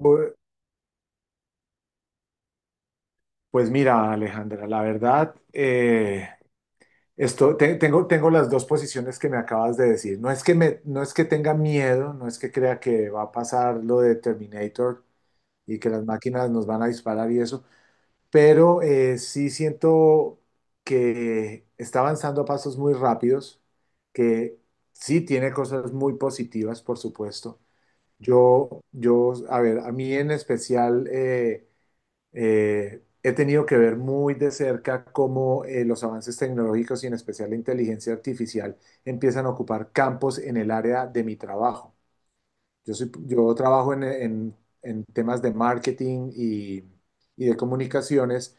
Bu- Pues mira, Alejandra, la verdad, tengo las dos posiciones que me acabas de decir. No es que tenga miedo, no es que crea que va a pasar lo de Terminator y que las máquinas nos van a disparar y eso, pero sí siento que está avanzando a pasos muy rápidos, que sí tiene cosas muy positivas, por supuesto. Yo, a ver, a mí en especial… he tenido que ver muy de cerca cómo los avances tecnológicos y en especial la inteligencia artificial empiezan a ocupar campos en el área de mi trabajo. Yo trabajo en temas de marketing y de comunicaciones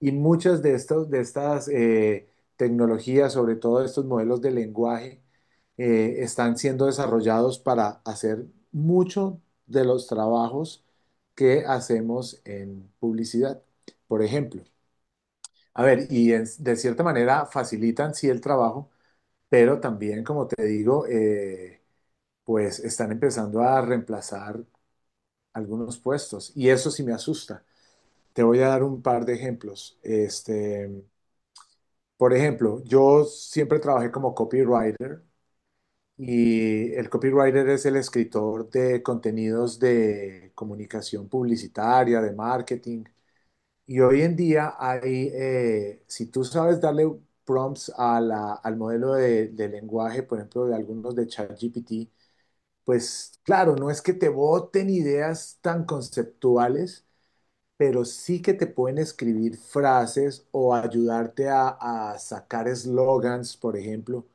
y muchas de estas tecnologías, sobre todo estos modelos de lenguaje, están siendo desarrollados para hacer mucho de los trabajos que hacemos en publicidad, por ejemplo. A ver, de cierta manera facilitan sí el trabajo, pero también, como te digo, pues están empezando a reemplazar algunos puestos y eso sí me asusta. Te voy a dar un par de ejemplos. Por ejemplo, yo siempre trabajé como copywriter y el copywriter es el escritor de contenidos de comunicación publicitaria, de marketing. Y hoy en día hay, si tú sabes darle prompts al modelo de lenguaje, por ejemplo, de algunos de ChatGPT, pues claro, no es que te boten ideas tan conceptuales, pero sí que te pueden escribir frases o ayudarte a sacar eslogans, por ejemplo.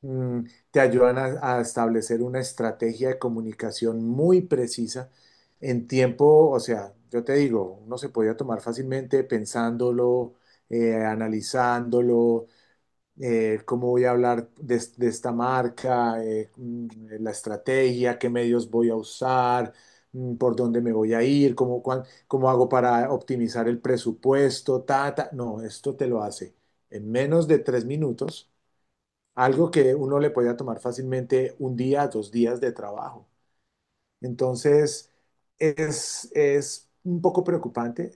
Mm, te ayudan a establecer una estrategia de comunicación muy precisa en tiempo, o sea, yo te digo, uno se podía tomar fácilmente pensándolo, analizándolo, cómo voy a hablar de, de esta marca, la estrategia, qué medios voy a usar, por dónde me voy a ir, cómo, cómo hago para optimizar el presupuesto, ta, ta. No, esto te lo hace en menos de 3 minutos, algo que uno le podía tomar fácilmente un día, dos días de trabajo. Entonces, es un poco preocupante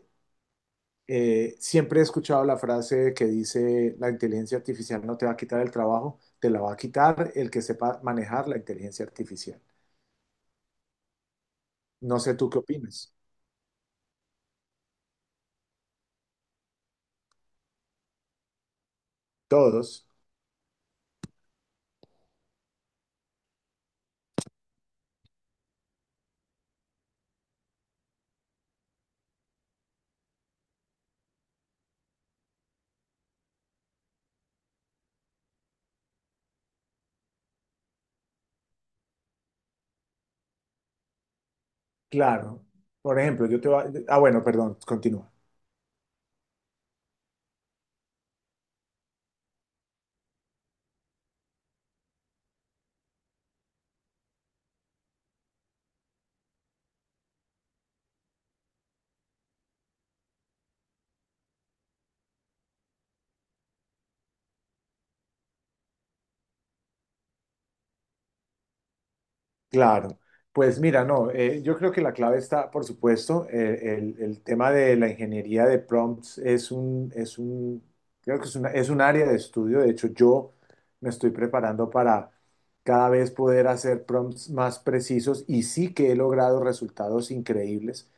siempre he escuchado la frase que dice, la inteligencia artificial no te va a quitar el trabajo, te la va a quitar el que sepa manejar la inteligencia artificial. No sé tú qué opinas. Todos, claro. Por ejemplo, yo te va… Ah, bueno, perdón, continúa. Claro, pues mira, no, yo creo que la clave está, por supuesto, el tema de la ingeniería de prompts creo que es un área de estudio, de hecho yo me estoy preparando para cada vez poder hacer prompts más precisos y sí que he logrado resultados increíbles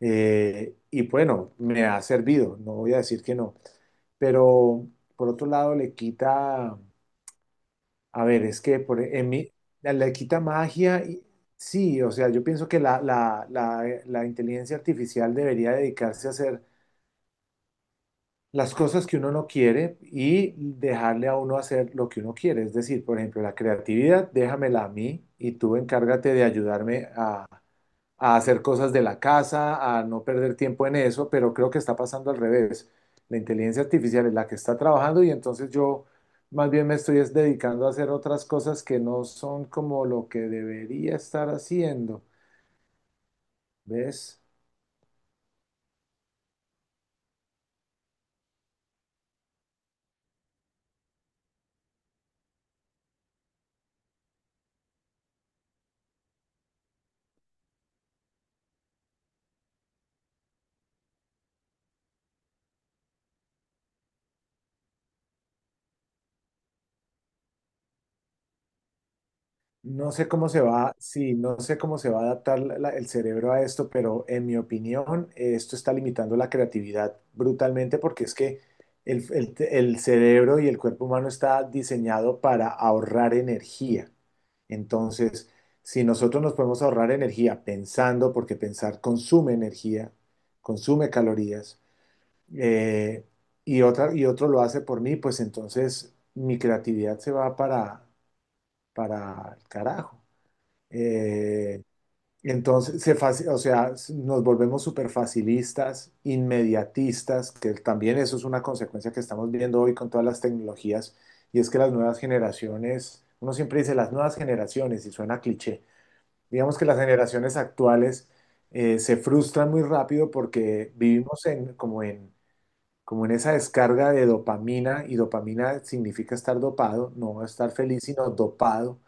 y bueno, me ha servido, no voy a decir que no, pero por otro lado le quita, a ver, es que en mí, la quita magia, sí, o sea, yo pienso que la inteligencia artificial debería dedicarse a hacer las cosas que uno no quiere y dejarle a uno hacer lo que uno quiere. Es decir, por ejemplo, la creatividad, déjamela a mí y tú encárgate de ayudarme a hacer cosas de la casa, a no perder tiempo en eso, pero creo que está pasando al revés. La inteligencia artificial es la que está trabajando y entonces yo más bien me estoy es dedicando a hacer otras cosas que no son como lo que debería estar haciendo, ¿ves? No sé cómo se va, sí, no sé cómo se va a adaptar el cerebro a esto, pero en mi opinión, esto está limitando la creatividad brutalmente porque es que el cerebro y el cuerpo humano está diseñado para ahorrar energía. Entonces, si nosotros nos podemos ahorrar energía pensando, porque pensar consume energía, consume calorías, eh, y otro lo hace por mí, pues entonces mi creatividad se va para el carajo. Eh, entonces, o sea, nos volvemos súper facilistas, inmediatistas, que también eso es una consecuencia que estamos viendo hoy con todas las tecnologías, y es que las nuevas generaciones, uno siempre dice las nuevas generaciones, y suena cliché, digamos que las generaciones actuales se frustran muy rápido porque vivimos en, como en, como en esa descarga de dopamina, y dopamina significa estar dopado, no estar feliz, sino dopado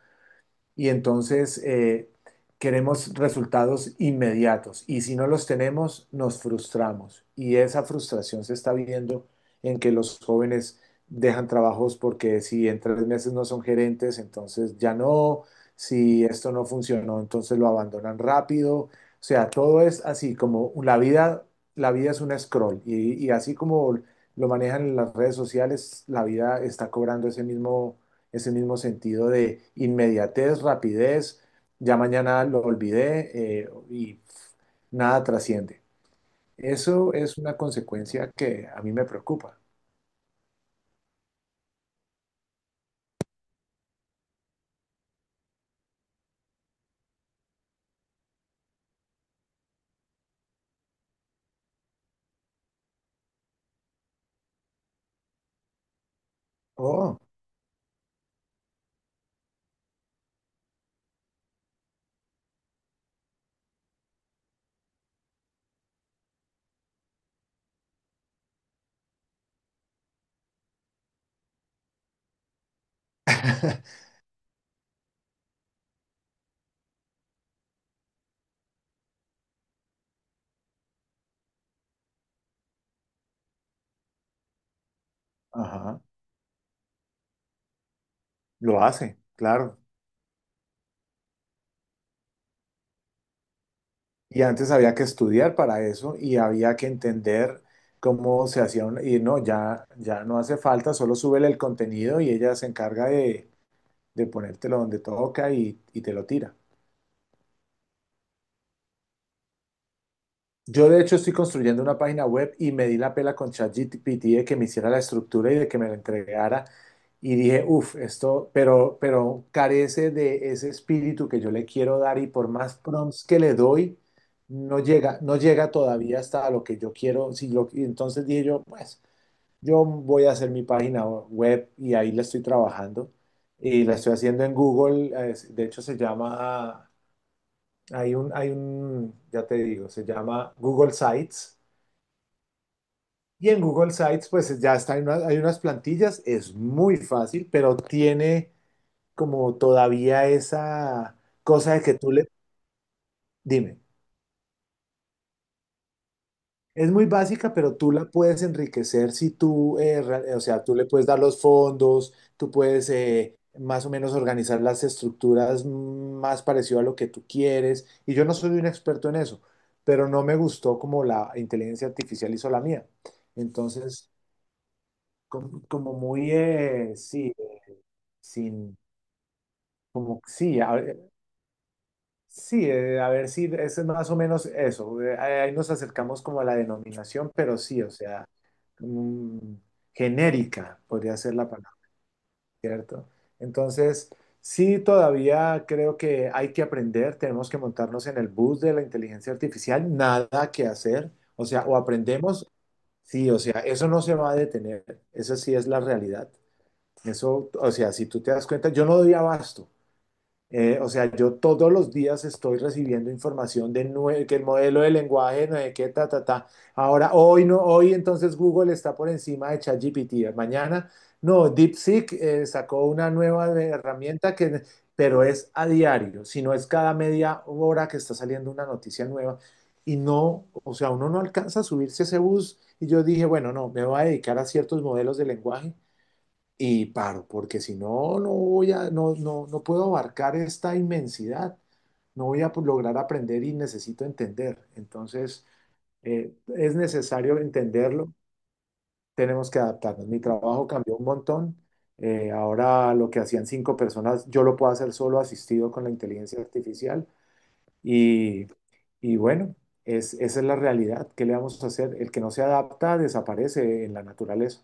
y entonces queremos resultados inmediatos y si no los tenemos nos frustramos y esa frustración se está viendo en que los jóvenes dejan trabajos porque si en 3 meses no son gerentes, entonces ya no, si esto no funcionó, entonces lo abandonan rápido, o sea, todo es así como la vida es un scroll y así como lo manejan en las redes sociales, la vida está cobrando ese mismo sentido de inmediatez, rapidez, ya mañana lo olvidé y pf, nada trasciende. Eso es una consecuencia que a mí me preocupa. Oh, ajá, lo hace, claro. Y antes había que estudiar para eso y había que entender cómo y no, ya, ya no hace falta, solo súbele el contenido y ella se encarga de ponértelo donde toca y te lo tira. Yo de hecho estoy construyendo una página web y me di la pela con ChatGPT de que me hiciera la estructura y de que me la entregara y dije, uff, esto, pero carece de ese espíritu que yo le quiero dar y por más prompts que le doy, no llega, no llega todavía hasta lo que yo quiero. Si lo, y entonces dije yo, pues yo voy a hacer mi página web y ahí la estoy trabajando y la estoy haciendo en Google, de hecho se llama… ya te digo, se llama Google Sites y en Google Sites, pues ya está, hay unas plantillas, es muy fácil, pero tiene como todavía esa cosa de que dime, es muy básica, pero tú la puedes enriquecer si tú, o sea, tú le puedes dar los fondos, tú puedes más o menos organizar las estructuras más parecido a lo que tú quieres. Y yo no soy un experto en eso, pero no me gustó como la inteligencia artificial hizo la mía. Entonces, sí, sin… Como sí, a ver si es más o menos eso. Ahí nos acercamos como a la denominación, pero sí, o sea, mm, genérica podría ser la palabra, ¿cierto? Entonces, sí, todavía creo que hay que aprender, tenemos que montarnos en el bus de la inteligencia artificial, nada que hacer, o sea, o aprendemos, sí, o sea, eso no se va a detener, esa sí es la realidad. Eso, o sea, si tú te das cuenta, yo no doy abasto. O sea, yo todos los días estoy recibiendo información de que el modelo de lenguaje, no sé qué, ta, ta, ta. Ahora, hoy no, hoy entonces Google está por encima de ChatGPT. Mañana, no, DeepSeek sacó una herramienta que, pero es a diario, si no es cada media hora que está saliendo una noticia nueva. Y no, o sea, uno no alcanza a subirse a ese bus. Y yo dije, bueno, no, me voy a dedicar a ciertos modelos de lenguaje y paro, porque si no, no voy a, no, no, no puedo abarcar esta inmensidad, no voy lograr aprender y necesito entender. Entonces, es necesario entenderlo, tenemos que adaptarnos. Mi trabajo cambió un montón. Ahora lo que hacían 5 personas, yo lo puedo hacer solo asistido con la inteligencia artificial. Y, y bueno, es, esa es la realidad. ¿Qué le vamos a hacer? El que no se adapta desaparece en la naturaleza.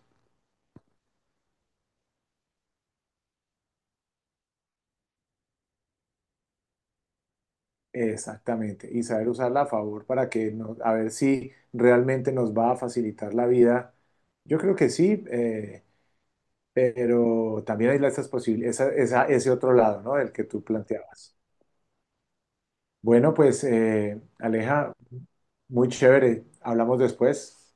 Exactamente, y saber usarla a favor para que nos, a ver si realmente nos va a facilitar la vida. Yo creo que sí, pero también hay esas posibilidades, esa, ese otro lado, ¿no? El que tú planteabas. Bueno, pues Aleja, muy chévere. Hablamos después.